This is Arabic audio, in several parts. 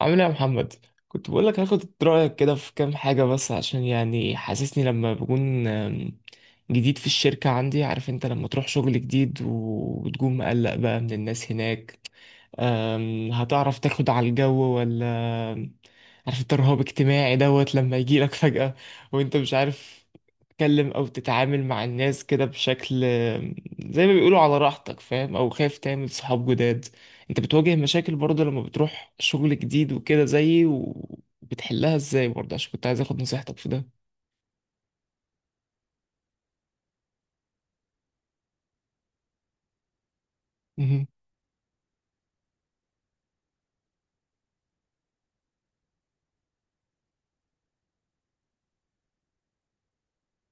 عامل ايه يا محمد؟ كنت بقول لك هاخد رأيك كده في كام حاجة، بس عشان يعني حاسسني لما بكون جديد في الشركة عندي. عارف انت لما تروح شغل جديد وتكون مقلق بقى من الناس هناك، هتعرف تاخد على الجو ولا؟ عارف انت الرهاب اجتماعي دوت لما يجيلك فجأة وانت مش عارف تتكلم او تتعامل مع الناس كده بشكل، زي ما بيقولوا على راحتك، فاهم؟ او خايف تعمل صحاب جداد. انت بتواجه مشاكل برضه لما بتروح شغل جديد وكده زيي، وبتحلها ازاي برضه؟ عشان كنت عايز اخد نصيحتك في ده. مهم.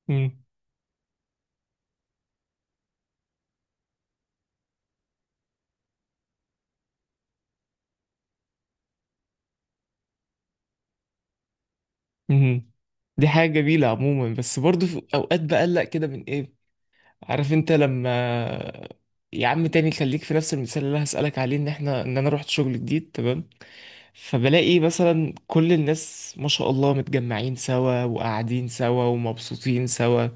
مهم. مهم. دي حاجة جميلة عموما، بس برضه في اوقات بقلق كده من ايه، عارف انت لما، يا عم تاني خليك في نفس المثال اللي انا هسألك عليه. ان احنا ان انا رحت شغل جديد، تمام؟ فبلاقي مثلا كل الناس ما شاء الله متجمعين سوا وقاعدين سوا ومبسوطين سوا،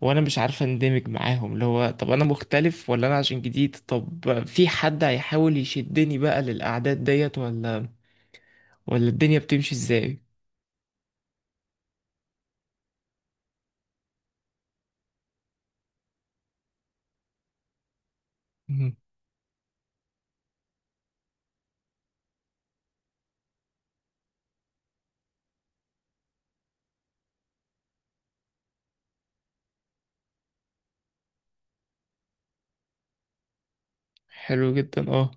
وانا مش عارفة اندمج معاهم. اللي هو طب انا مختلف ولا انا عشان جديد؟ طب في حد هيحاول يشدني بقى للأعداد ديت ولا ولا الدنيا بتمشي ازاي؟ مم. حلو جدا، اه.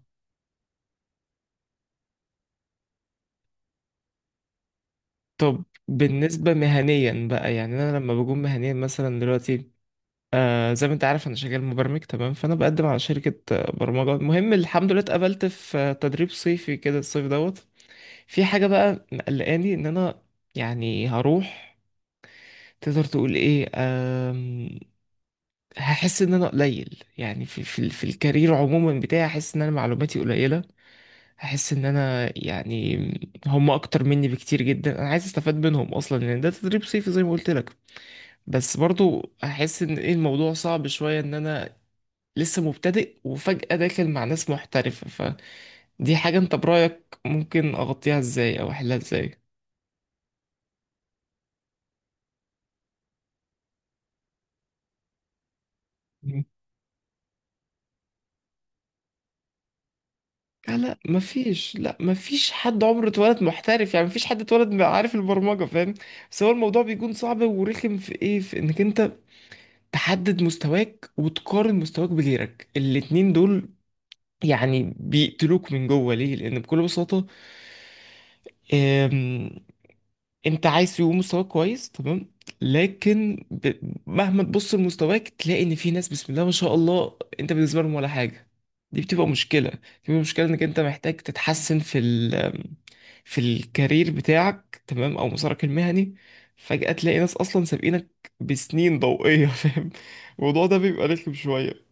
طب بالنسبة مهنيا بقى، يعني انا لما بكون مهنيا مثلا دلوقتي، آه زي ما انت عارف انا شغال مبرمج، تمام؟ فانا بقدم على شركة برمجة. المهم الحمد لله اتقبلت في تدريب صيفي كده الصيف دوت. في حاجة بقى مقلقاني، ان انا يعني هروح، تقدر تقول ايه هحس ان انا قليل يعني في الكارير عموما بتاعي. هحس ان انا معلوماتي قليلة، هحس ان انا يعني هم اكتر مني بكتير جدا. انا عايز استفاد منهم اصلا لان ده تدريب صيفي زي ما قلت لك، بس برضو احس ان ايه الموضوع صعب شوية، ان انا لسه مبتدئ وفجأة داخل مع ناس محترفة. فدي حاجة انت برأيك ممكن اغطيها ازاي او احلها ازاي؟ مم. لا لا، مفيش، لا مفيش حد عمره اتولد محترف. يعني مفيش حد اتولد عارف البرمجة، فاهم؟ بس هو الموضوع بيكون صعب ورخم في ايه، في انك انت تحدد مستواك وتقارن مستواك بغيرك. الاتنين دول يعني بيقتلوك من جوه. ليه؟ لان بكل بساطة انت عايز يبقى مستواك كويس، تمام؟ لكن ب... مهما تبص لمستواك تلاقي ان في ناس بسم الله ما شاء الله انت بالنسبه لهم ولا حاجه. دي بتبقى مشكله، بتبقى مشكله انك انت محتاج تتحسن في ال... في الكارير بتاعك، تمام؟ او مسارك المهني. فجاه تلاقي ناس اصلا سابقينك بسنين ضوئيه فاهم؟ الموضوع ده بيبقى رخم شويه.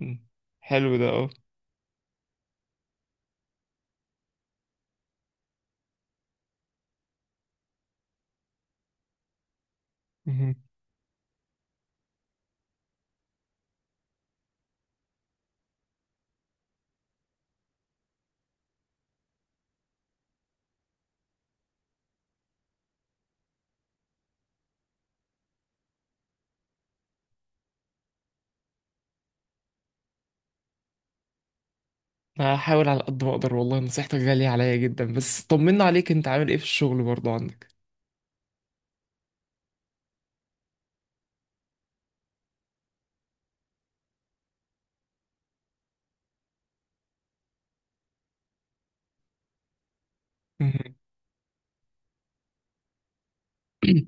مم. حلو ده، اه. مهم. هحاول على قد ما اقدر والله. نصيحتك غاليه عليا جدا. بس طمنا عليك، انت عامل ايه في الشغل برضه عندك؟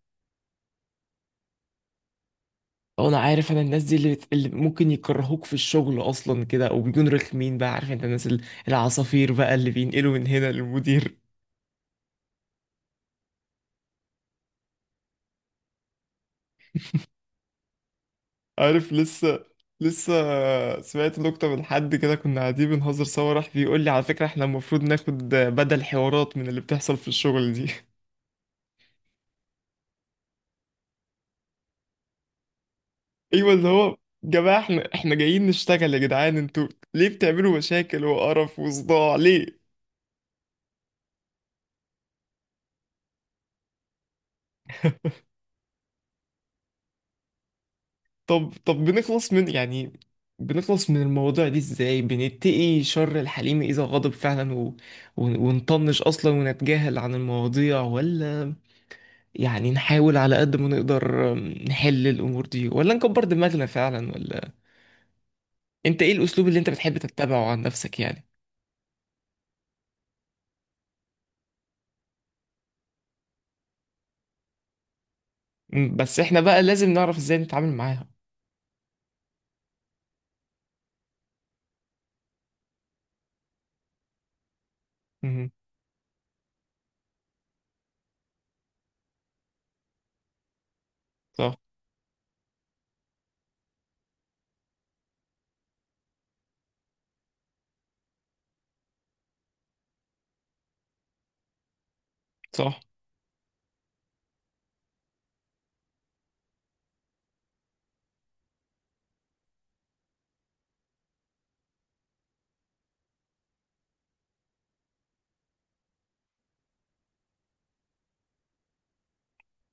وانا عارف انا الناس دي اللي ممكن يكرهوك في الشغل اصلا كده او بيكونوا رخمين بقى. عارف انت الناس العصافير بقى اللي بينقلوا من هنا للمدير. عارف لسه، لسه سمعت نكتة من حد كده، كنا قاعدين بنهزر سوا، راح بيقول لي على فكرة احنا المفروض ناخد بدل حوارات من اللي بتحصل في الشغل دي. ايوه، اللي هو جماعة احنا جايين نشتغل يا جدعان، انتوا ليه بتعملوا مشاكل وقرف وصداع ليه؟ طب طب، بنخلص من يعني بنخلص من المواضيع دي ازاي؟ بنتقي شر الحليم اذا غضب فعلا، و... ونطنش اصلا ونتجاهل عن المواضيع، ولا يعني نحاول على قد ما نقدر نحل الامور دي؟ ولا نكبر دماغنا فعلا، ولا انت ايه الاسلوب اللي انت بتحب تتبعه عن نفسك يعني؟ مم، بس احنا بقى لازم نعرف ازاي نتعامل معاها. مهم. صح. صح.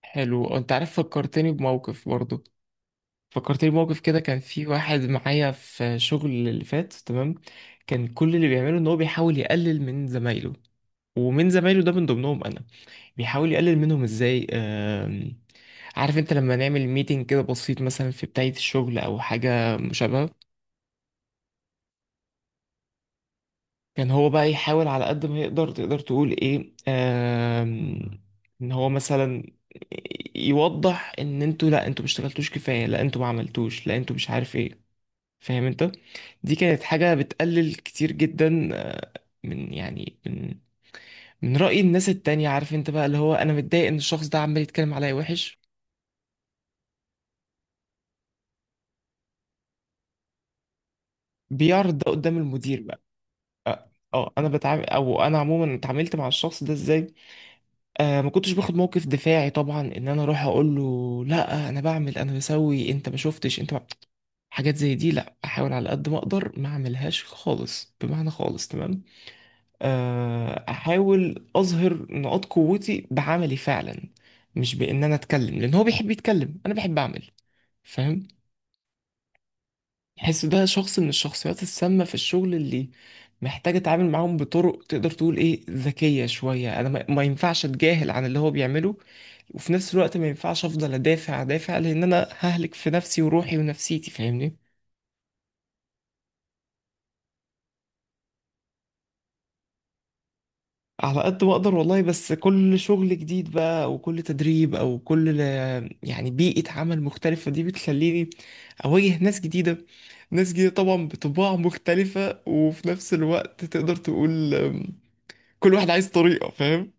حلو، انت عارف فكرتني بموقف برضو. فكرتني بموقف كده، كان في واحد معايا في شغل اللي فات، تمام؟ كان كل اللي بيعمله ان هو بيحاول يقلل من زمايله. ومن زمايله ده من ضمنهم انا. بيحاول يقلل منهم ازاي، عارف انت لما نعمل ميتنج كده بسيط مثلا في بداية الشغل او حاجة مشابهة، كان هو بقى يحاول على قد ما يقدر، تقدر تقول ايه، ان هو مثلا يوضح ان انتوا، لا انتوا مشتغلتوش كفاية، لا انتوا ما عملتوش، لا انتوا مش عارف ايه، فاهم انت؟ دي كانت حاجة بتقلل كتير جدا من يعني من رأي الناس التانية. عارف انت بقى اللي هو انا متضايق ان الشخص ده عمال يتكلم عليا وحش، بيعرض ده قدام المدير بقى. اه، انا بتعامل، او انا عموما اتعاملت مع الشخص ده ازاي؟ آه ما كنتش باخد موقف دفاعي طبعا، ان انا اروح اقول له لا انا بعمل انا بسوي انت ما شفتش انت ما... حاجات زي دي لا، احاول على قد ما اقدر ما اعملهاش خالص، بمعنى خالص، تمام؟ احاول اظهر نقاط قوتي بعملي فعلا، مش بان انا اتكلم. لان هو بيحب يتكلم، انا بحب اعمل، فاهم؟ حس ده شخص من الشخصيات السامة في الشغل اللي محتاج اتعامل معاهم بطرق تقدر تقول ايه، ذكية شوية. انا ما ينفعش اتجاهل عن اللي هو بيعمله، وفي نفس الوقت ما ينفعش افضل ادافع لان انا ههلك في نفسي وروحي ونفسيتي، فاهمني؟ على قد ما اقدر والله. بس كل شغل جديد بقى، او كل تدريب، او كل يعني بيئة عمل مختلفة، دي بتخليني اواجه ناس جديدة. ناس جديدة طبعا بطباع مختلفة، وفي نفس الوقت تقدر تقول كل واحد عايز طريقة، فاهم؟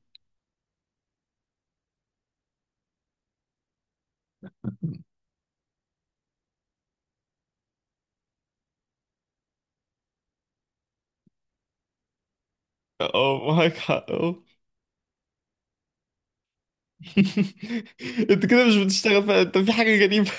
اه، معاك حق، اه. انت كده مش بتشتغل، فانت في حاجة غريبة.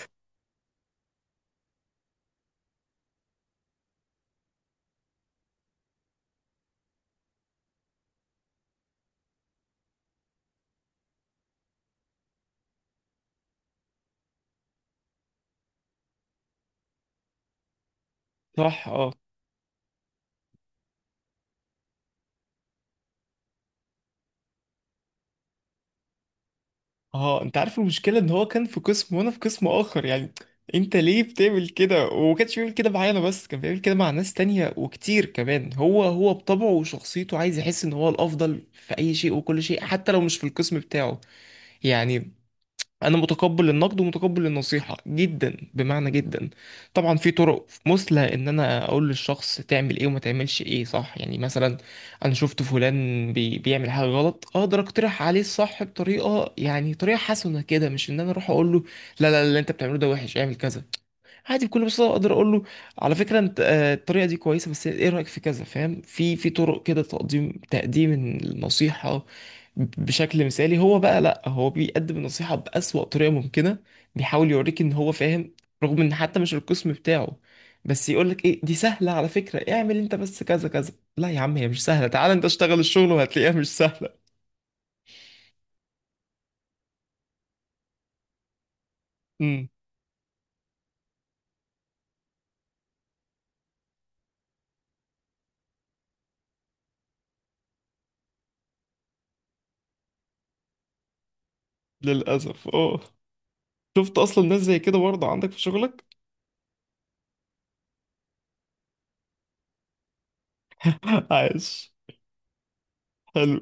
صح. اه اه، انت عارف المشكله ان هو كان في قسم وانا في قسم اخر. يعني انت ليه بتعمل كده؟ وما كانش بيعمل كده معايا انا بس، كان بيعمل كده مع ناس تانية وكتير كمان. هو بطبعه وشخصيته عايز يحس ان هو الافضل في اي شيء وكل شيء، حتى لو مش في القسم بتاعه. يعني انا متقبل النقد ومتقبل النصيحه جدا، بمعنى جدا. طبعا في طرق مثلى ان انا اقول للشخص تعمل ايه وما تعملش ايه، صح يعني؟ مثلا انا شفت فلان بي بيعمل حاجه غلط، اقدر اقترح عليه الصح بطريقه، يعني طريقه حسنه كده، مش ان انا اروح اقول له لا لا لا اللي انت بتعمله ده وحش اعمل كذا. عادي بكل بساطه اقدر اقول له على فكره انت، الطريقه دي كويسه بس ايه رايك في كذا، فاهم؟ في طرق كده، تقديم النصيحه بشكل مثالي. هو بقى لا، هو بيقدم النصيحه بأسوأ طريقه ممكنه. بيحاول يوريك ان هو فاهم، رغم ان حتى مش القسم بتاعه، بس يقول لك ايه دي سهله على فكره اعمل انت بس كذا كذا. لا يا عم هي مش سهله، تعال انت اشتغل الشغل وهتلاقيها مش سهله. امم، للاسف اه. شفت اصلا ناس زي كده برضه عندك في شغلك؟ عايش، حلو.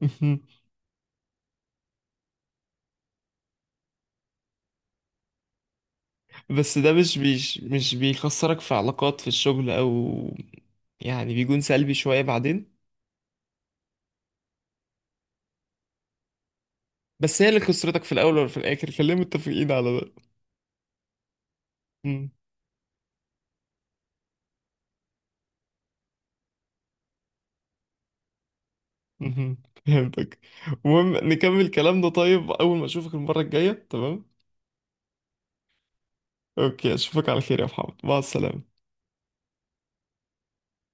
بس ده مش بيخسرك في علاقات في الشغل، او يعني بيكون سلبي شوية بعدين؟ بس هي اللي خسرتك في الاول وفي الاخر، خلينا متفقين على ده. مم. مهم. فهمتك. المهم نكمل كلامنا طيب اول ما اشوفك المرة الجاية، تمام؟ اوكي اشوفك على خير يا محمد، مع السلامة.